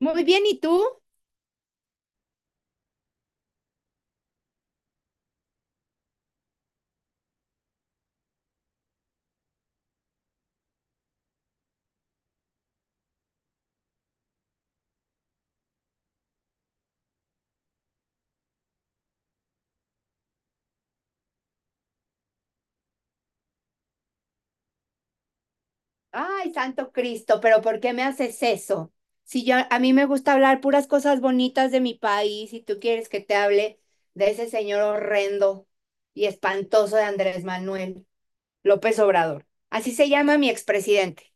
Muy bien, ¿y tú? Ay, Santo Cristo, pero ¿por qué me haces eso? Si yo a mí me gusta hablar puras cosas bonitas de mi país y tú quieres que te hable de ese señor horrendo y espantoso de Andrés Manuel López Obrador. Así se llama mi expresidente.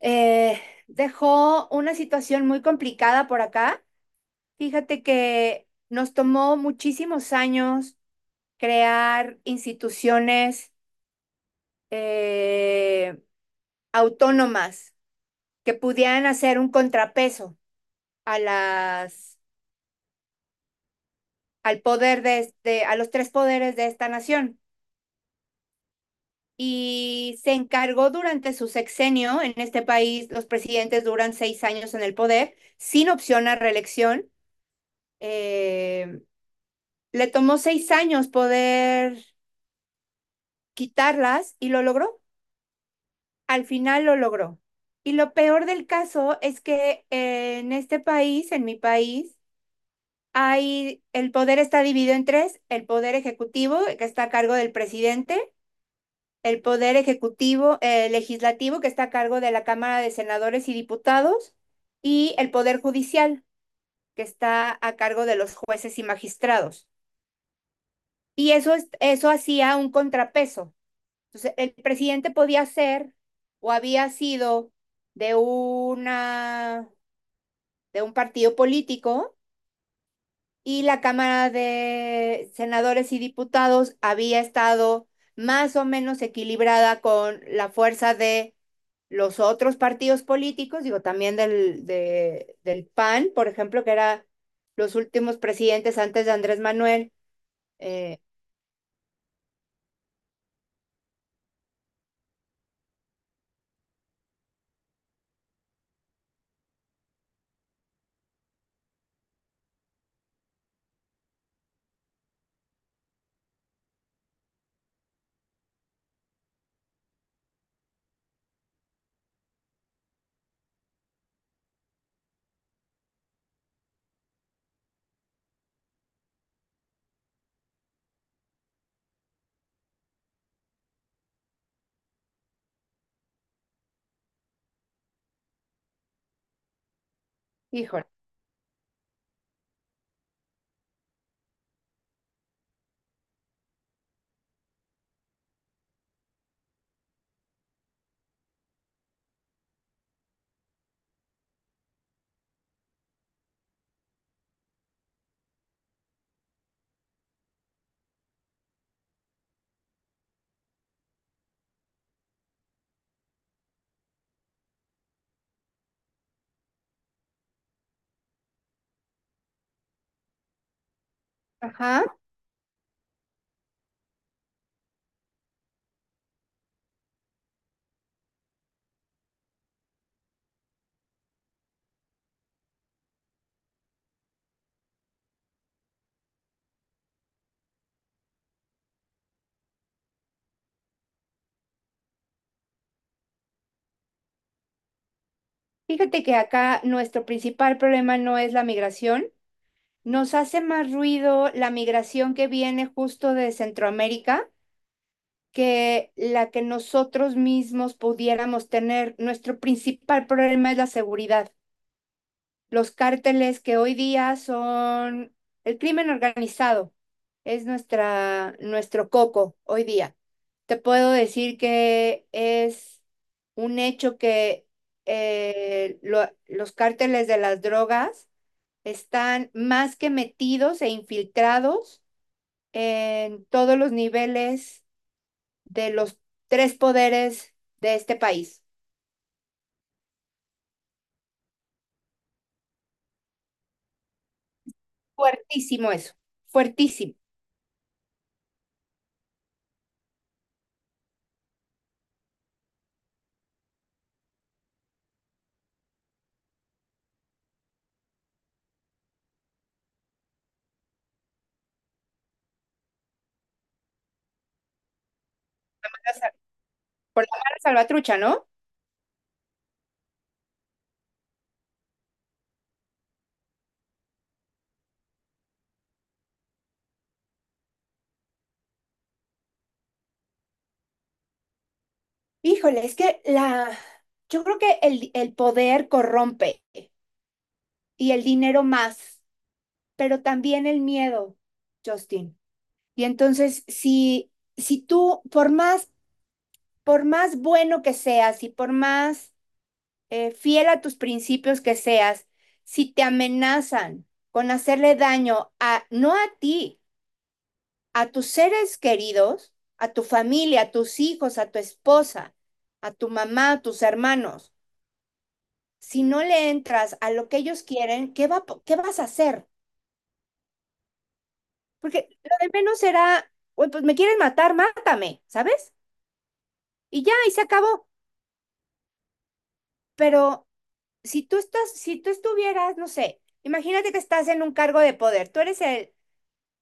Eh, Dejó una situación muy complicada por acá. Fíjate que nos tomó muchísimos años crear instituciones eh, autónomas que pudieran hacer un contrapeso a las, al poder a los tres poderes de esta nación. Y se encargó durante su sexenio en este país, los presidentes duran 6 años en el poder, sin opción a reelección. Eh, Le tomó 6 años poder quitarlas y lo logró. Al final lo logró. Y lo peor del caso es que en este país, en mi país, el poder está dividido en tres, el poder ejecutivo, que está a cargo del presidente, el poder ejecutivo legislativo, que está a cargo de la Cámara de Senadores y Diputados, y el poder judicial, que está a cargo de los jueces y magistrados. Y eso hacía un contrapeso. Entonces, el presidente podía ser o había sido de, una, de un partido político, y la Cámara de Senadores y Diputados había estado más o menos equilibrada con la fuerza de los otros partidos políticos, digo, también del PAN, por ejemplo, que era los últimos presidentes antes de Andrés Manuel. Eh, Híjole, ajá. Fíjate que acá nuestro principal problema no es la migración. Nos hace más ruido la migración que viene justo de Centroamérica, que la que nosotros mismos pudiéramos tener. Nuestro principal problema es la seguridad. Los cárteles que hoy día son el crimen organizado, es nuestro coco hoy día. Te puedo decir que es un hecho que los cárteles de las drogas están más que metidos e infiltrados en todos los niveles de los tres poderes de este país. Fuertísimo eso, fuertísimo. Por la sal- Mala salvatrucha, ¿no? Híjole. Yo creo que el poder corrompe y el dinero más, pero también el miedo, Justin. Y entonces, si tú, por más bueno que seas y por más fiel a tus principios que seas, si te amenazan con hacerle daño a, no a ti, a tus seres queridos, a tu familia, a tus hijos, a tu esposa, a tu mamá, a tus hermanos, si no le entras a lo que ellos quieren, ¿qué vas a hacer? Porque lo de menos será, pues me quieren matar, mátame, ¿sabes? Y ya, y se acabó. Pero si tú estuvieras, no sé, imagínate que estás en un cargo de poder,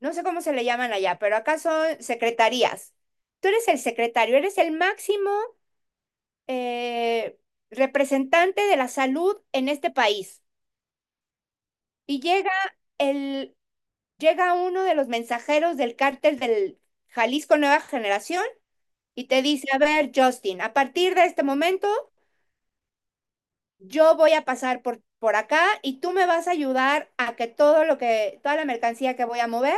no sé cómo se le llaman allá, pero acá son secretarías. Tú eres el secretario, eres el máximo eh, representante de la salud en este país. Y el, llega uno de los mensajeros del cártel del Jalisco Nueva Generación y te dice, a ver, Justin, a partir de este momento yo voy a pasar por acá y tú me vas a ayudar a que toda la mercancía que voy a mover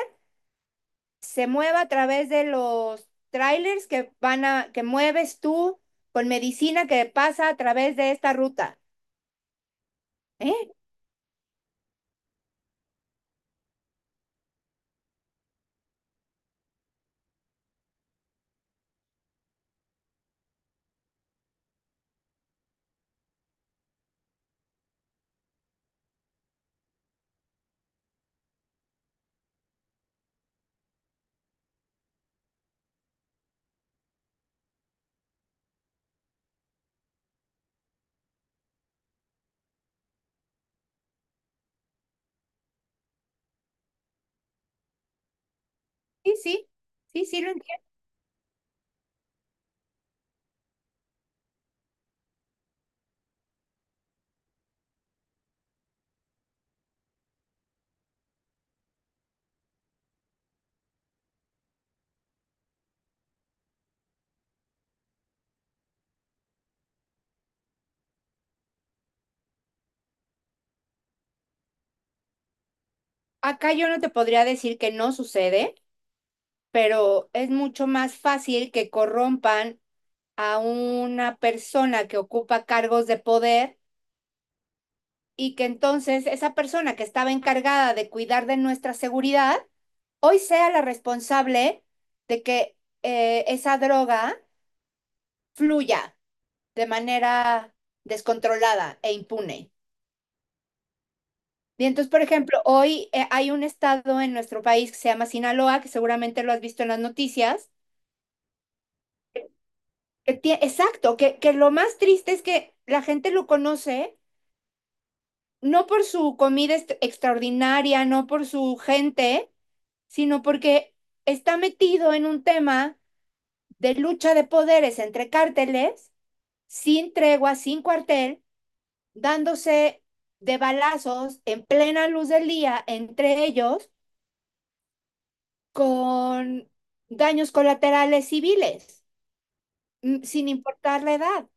se mueva a través de los trailers que mueves tú con medicina que pasa a través de esta ruta. ¿Eh? Sí, sí, sí, sí lo entiendo. Acá yo no te podría decir que no sucede, pero es mucho más fácil que corrompan a una persona que ocupa cargos de poder y que entonces esa persona que estaba encargada de cuidar de nuestra seguridad, hoy sea la responsable de que esa droga fluya de manera descontrolada e impune. Y entonces, por ejemplo, hoy hay un estado en nuestro país que se llama Sinaloa, que seguramente lo has visto en las noticias. Exacto, que lo más triste es que la gente lo conoce no por su comida extraordinaria, no por su gente, sino porque está metido en un tema de lucha de poderes entre cárteles, sin tregua, sin cuartel, dándose de balazos en plena luz del día entre ellos con daños colaterales civiles, sin importar la edad.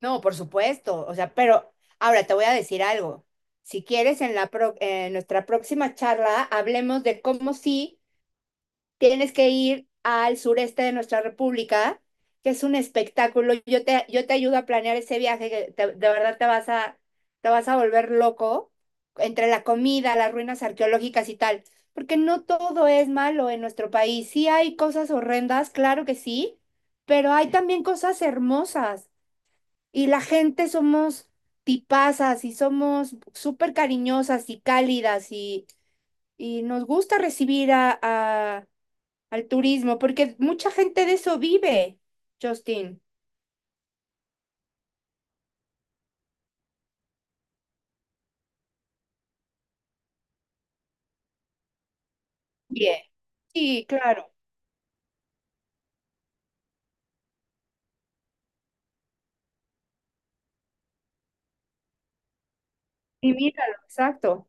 No, por supuesto. O sea, pero ahora te voy a decir algo. Si quieres, en nuestra próxima charla hablemos de cómo sí tienes que ir al sureste de nuestra república, que es un espectáculo. Yo te ayudo a planear ese viaje, de verdad te vas a volver loco entre la comida, las ruinas arqueológicas y tal, porque no todo es malo en nuestro país. Sí hay cosas horrendas, claro que sí, pero hay también cosas hermosas y la gente somos tipazas y somos súper cariñosas y cálidas y nos gusta recibir al turismo, porque mucha gente de eso vive, Justin. Bien. Sí, claro. Y míralo, exacto.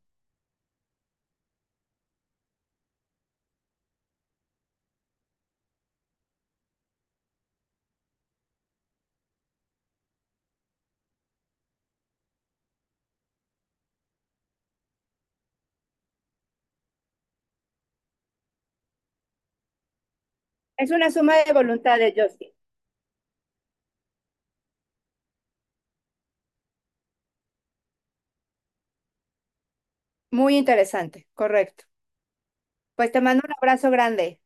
Es una suma de voluntad de Justin. Muy interesante, correcto. Pues te mando un abrazo grande.